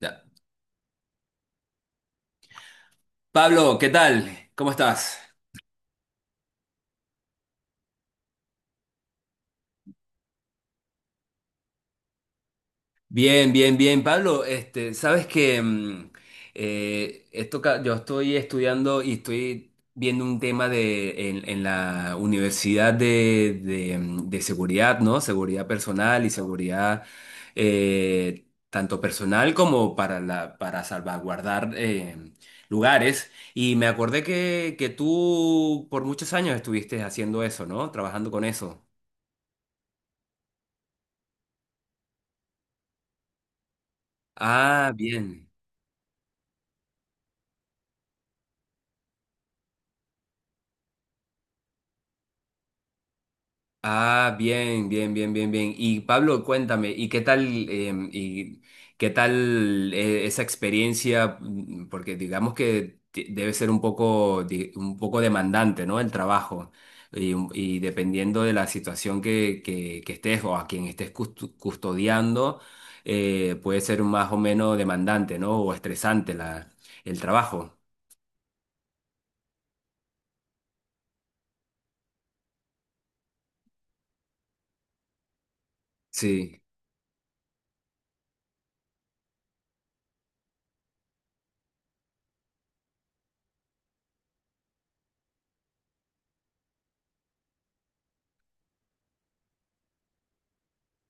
Ya. Pablo, ¿qué tal? ¿Cómo estás? Bien, bien, bien, Pablo. Este, sabes que yo estoy estudiando y estoy viendo un tema en la universidad de seguridad, ¿no? Seguridad personal y seguridad tanto personal como para salvaguardar lugares. Y me acordé que tú por muchos años estuviste haciendo eso, ¿no? Trabajando con eso. Ah, bien. Ah, bien, bien, bien, bien, bien. Y Pablo, cuéntame, ¿y qué tal, y qué tal esa experiencia? Porque digamos que debe ser un poco, un poco demandante, ¿no? El trabajo. Y dependiendo de la situación que estés o a quien estés custodiando, puede ser más o menos demandante, ¿no? O estresante el trabajo. Sí.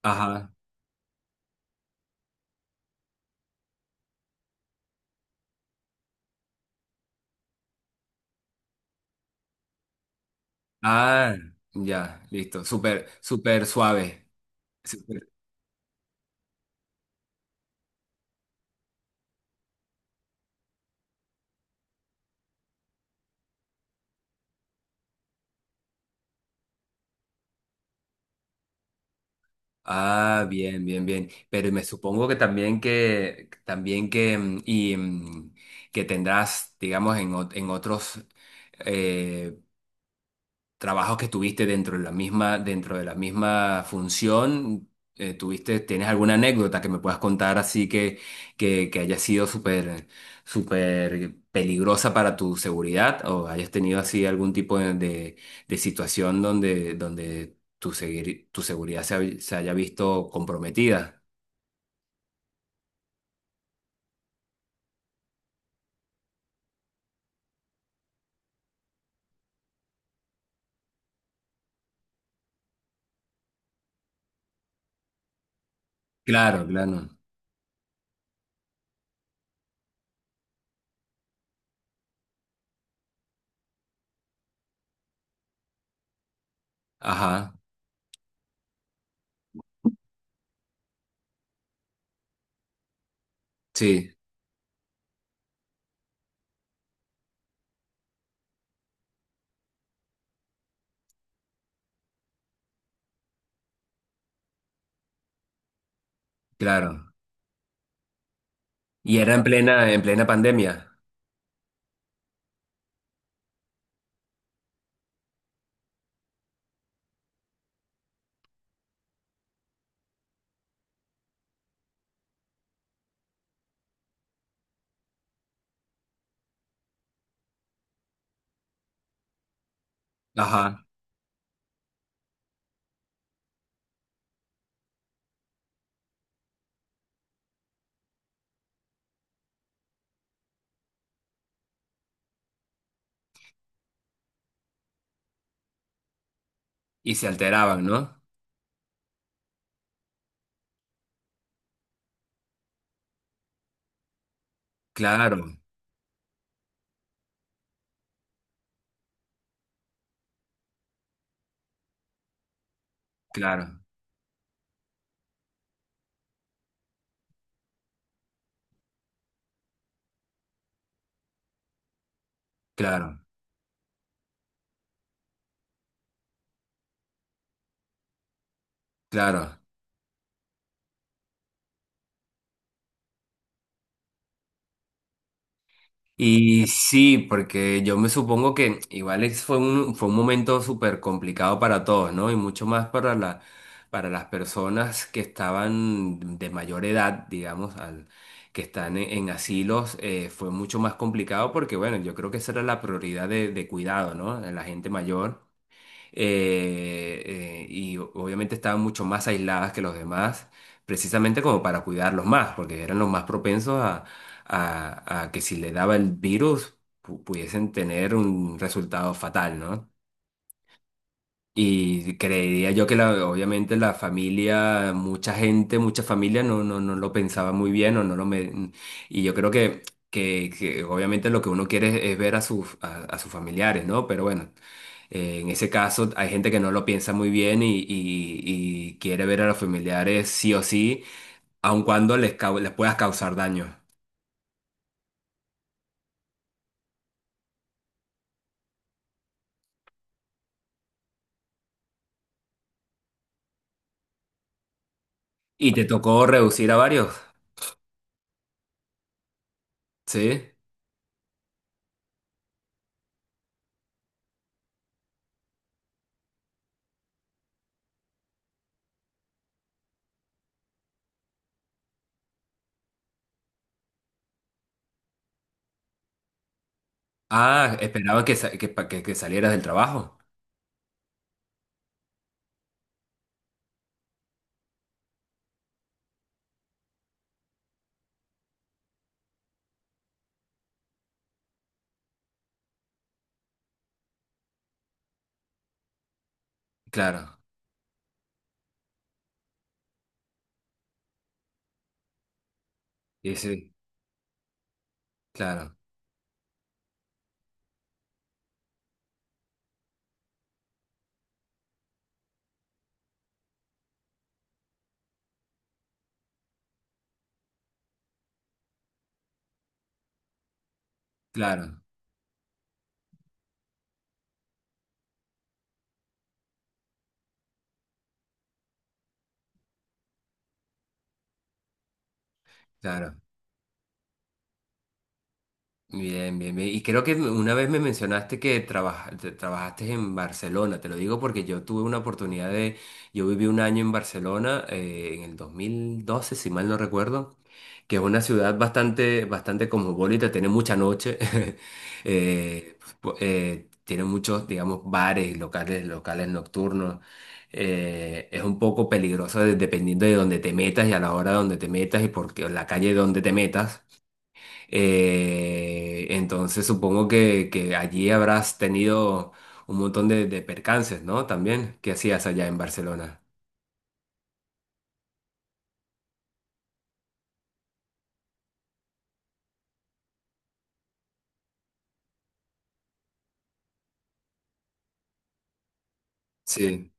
Ajá. Ah, ya, listo. Súper, súper suave. Ah, bien, bien, bien. Pero me supongo que también que también que mm, y mm, que tendrás, digamos, en otros eh, trabajos que tuviste dentro de la misma función, ¿tienes alguna anécdota que me puedas contar así que haya sido súper, súper peligrosa para tu seguridad o hayas tenido así algún tipo de situación donde tu seguridad se haya visto comprometida? Claro, claro. Ajá, sí, claro. Y era en plena pandemia. Ajá. Y se alteraban, ¿no? Claro, claro. Claro, claro. Y sí, porque yo me supongo que igual fue un momento súper complicado para todos, ¿no? Y mucho más para las personas que estaban de mayor edad, digamos, que están en asilos, fue mucho más complicado porque, bueno, yo creo que esa era la prioridad de cuidado, ¿no? De la gente mayor. Y obviamente estaban mucho más aisladas que los demás, precisamente como para cuidarlos más, porque eran los más propensos a que si le daba el virus pudiesen tener un resultado fatal, ¿no? Y creería yo que obviamente la familia, mucha gente, mucha familia no lo pensaba muy bien o no lo me... Y yo creo que obviamente lo que uno quiere es ver a sus familiares, ¿no? Pero bueno, en ese caso hay gente que no lo piensa muy bien y, y quiere ver a los familiares sí o sí, aun cuando les puedas causar daño. ¿Y te tocó reducir a varios? Sí. Ah, esperaban que, sa- que, pa- que salieras del trabajo. Claro. Sí, sí, claro. Claro, claro. Bien, bien, bien. Y creo que una vez me mencionaste que trabajaste en Barcelona. Te lo digo porque yo tuve una oportunidad de... Yo viví un año en Barcelona en el 2012, si mal no recuerdo, que es una ciudad bastante, bastante cosmopolita, tiene mucha noche. Tiene muchos, digamos, bares, locales nocturnos. Es un poco peligroso dependiendo de dónde te metas y a la hora donde te metas y la calle donde te metas. Entonces supongo que allí habrás tenido un montón de percances, ¿no? También, ¿qué hacías allá en Barcelona? Sí,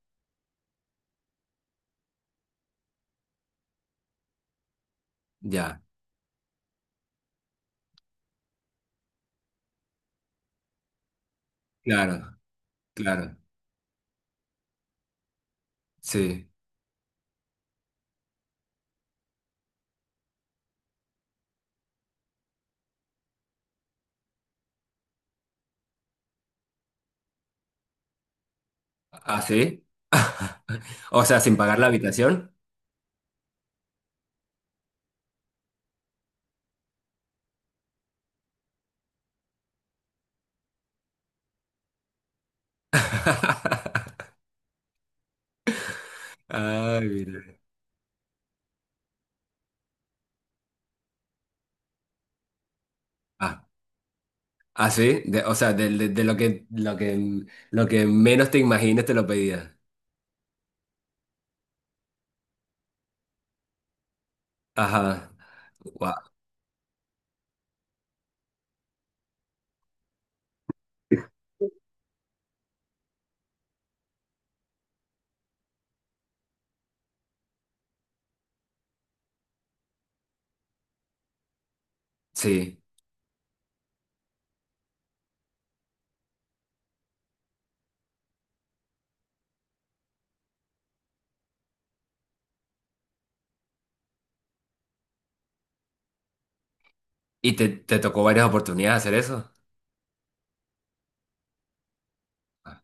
ya, claro, claro, sí. ¿Ah, sí? O sea, sin pagar la habitación. Ay, mira. Ah, ah, sí, o sea, de lo que, lo que menos te imagines te lo pedía. Ajá, guau, sí. ¿Y te tocó varias oportunidades hacer eso? Ah,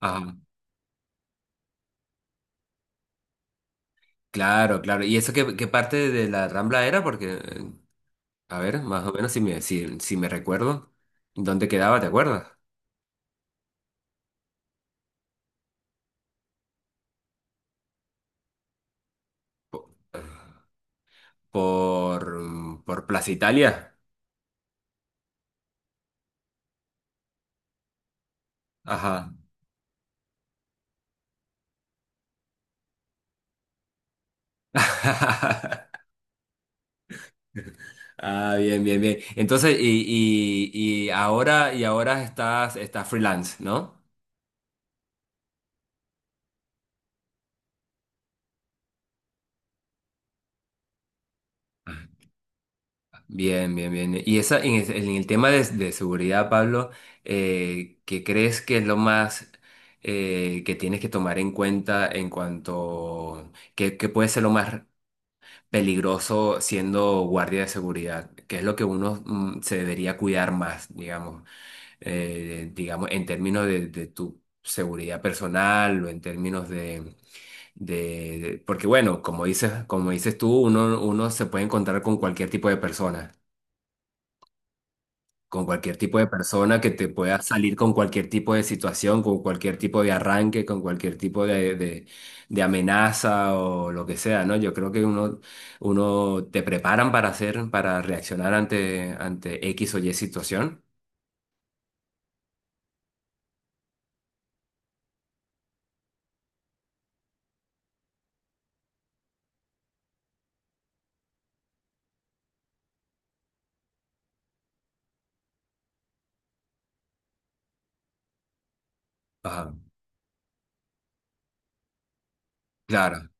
ajá, claro, claro. ¿Y eso qué, parte de la Rambla era? Porque, a ver, más o menos si me recuerdo, ¿dónde quedaba? ¿Te acuerdas? Po- por Plaza Italia. Ajá. Ah, bien, bien, bien. Entonces, y ahora estás freelance, ¿no? Bien, bien, bien. Y en el tema de seguridad, Pablo, ¿qué crees que es lo más que tienes que tomar en cuenta en cuanto puede ser lo más peligroso siendo guardia de seguridad? ¿Qué es lo que uno se debería cuidar más, digamos, digamos, en términos de tu seguridad personal o en términos de porque bueno, como dices tú, uno se puede encontrar con cualquier tipo de persona. Con cualquier tipo de persona que te pueda salir con cualquier tipo de situación, con cualquier tipo de arranque, con cualquier tipo de amenaza o lo que sea, ¿no? Yo creo que uno te preparan para reaccionar ante X o Y situación. Ajá, claro.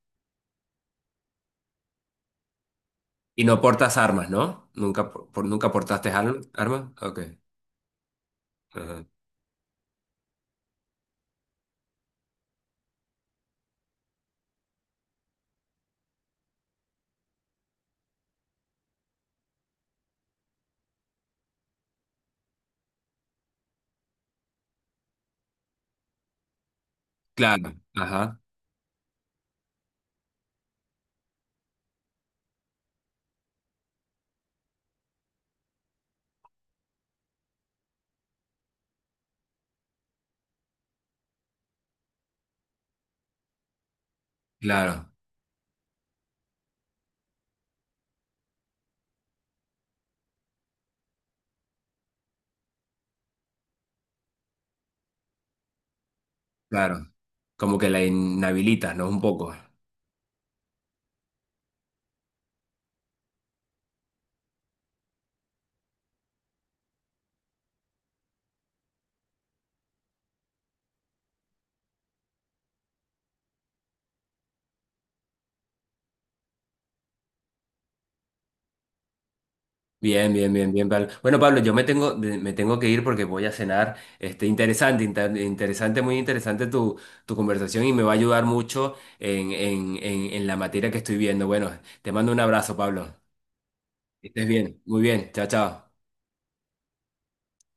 Y no portas armas, ¿no? Nunca, nunca portaste armas. OK. Ajá. Claro, ajá, claro, claro. Como que la inhabilitas, ¿no? Un poco. Bien, bien, bien, bien, Pablo. Bueno, Pablo, yo me tengo, de- me tengo que ir porque voy a cenar. Este, interesante, muy interesante tu conversación y me va a ayudar mucho en la materia que estoy viendo. Bueno, te mando un abrazo, Pablo. Que estés bien, muy bien. Chao, chao.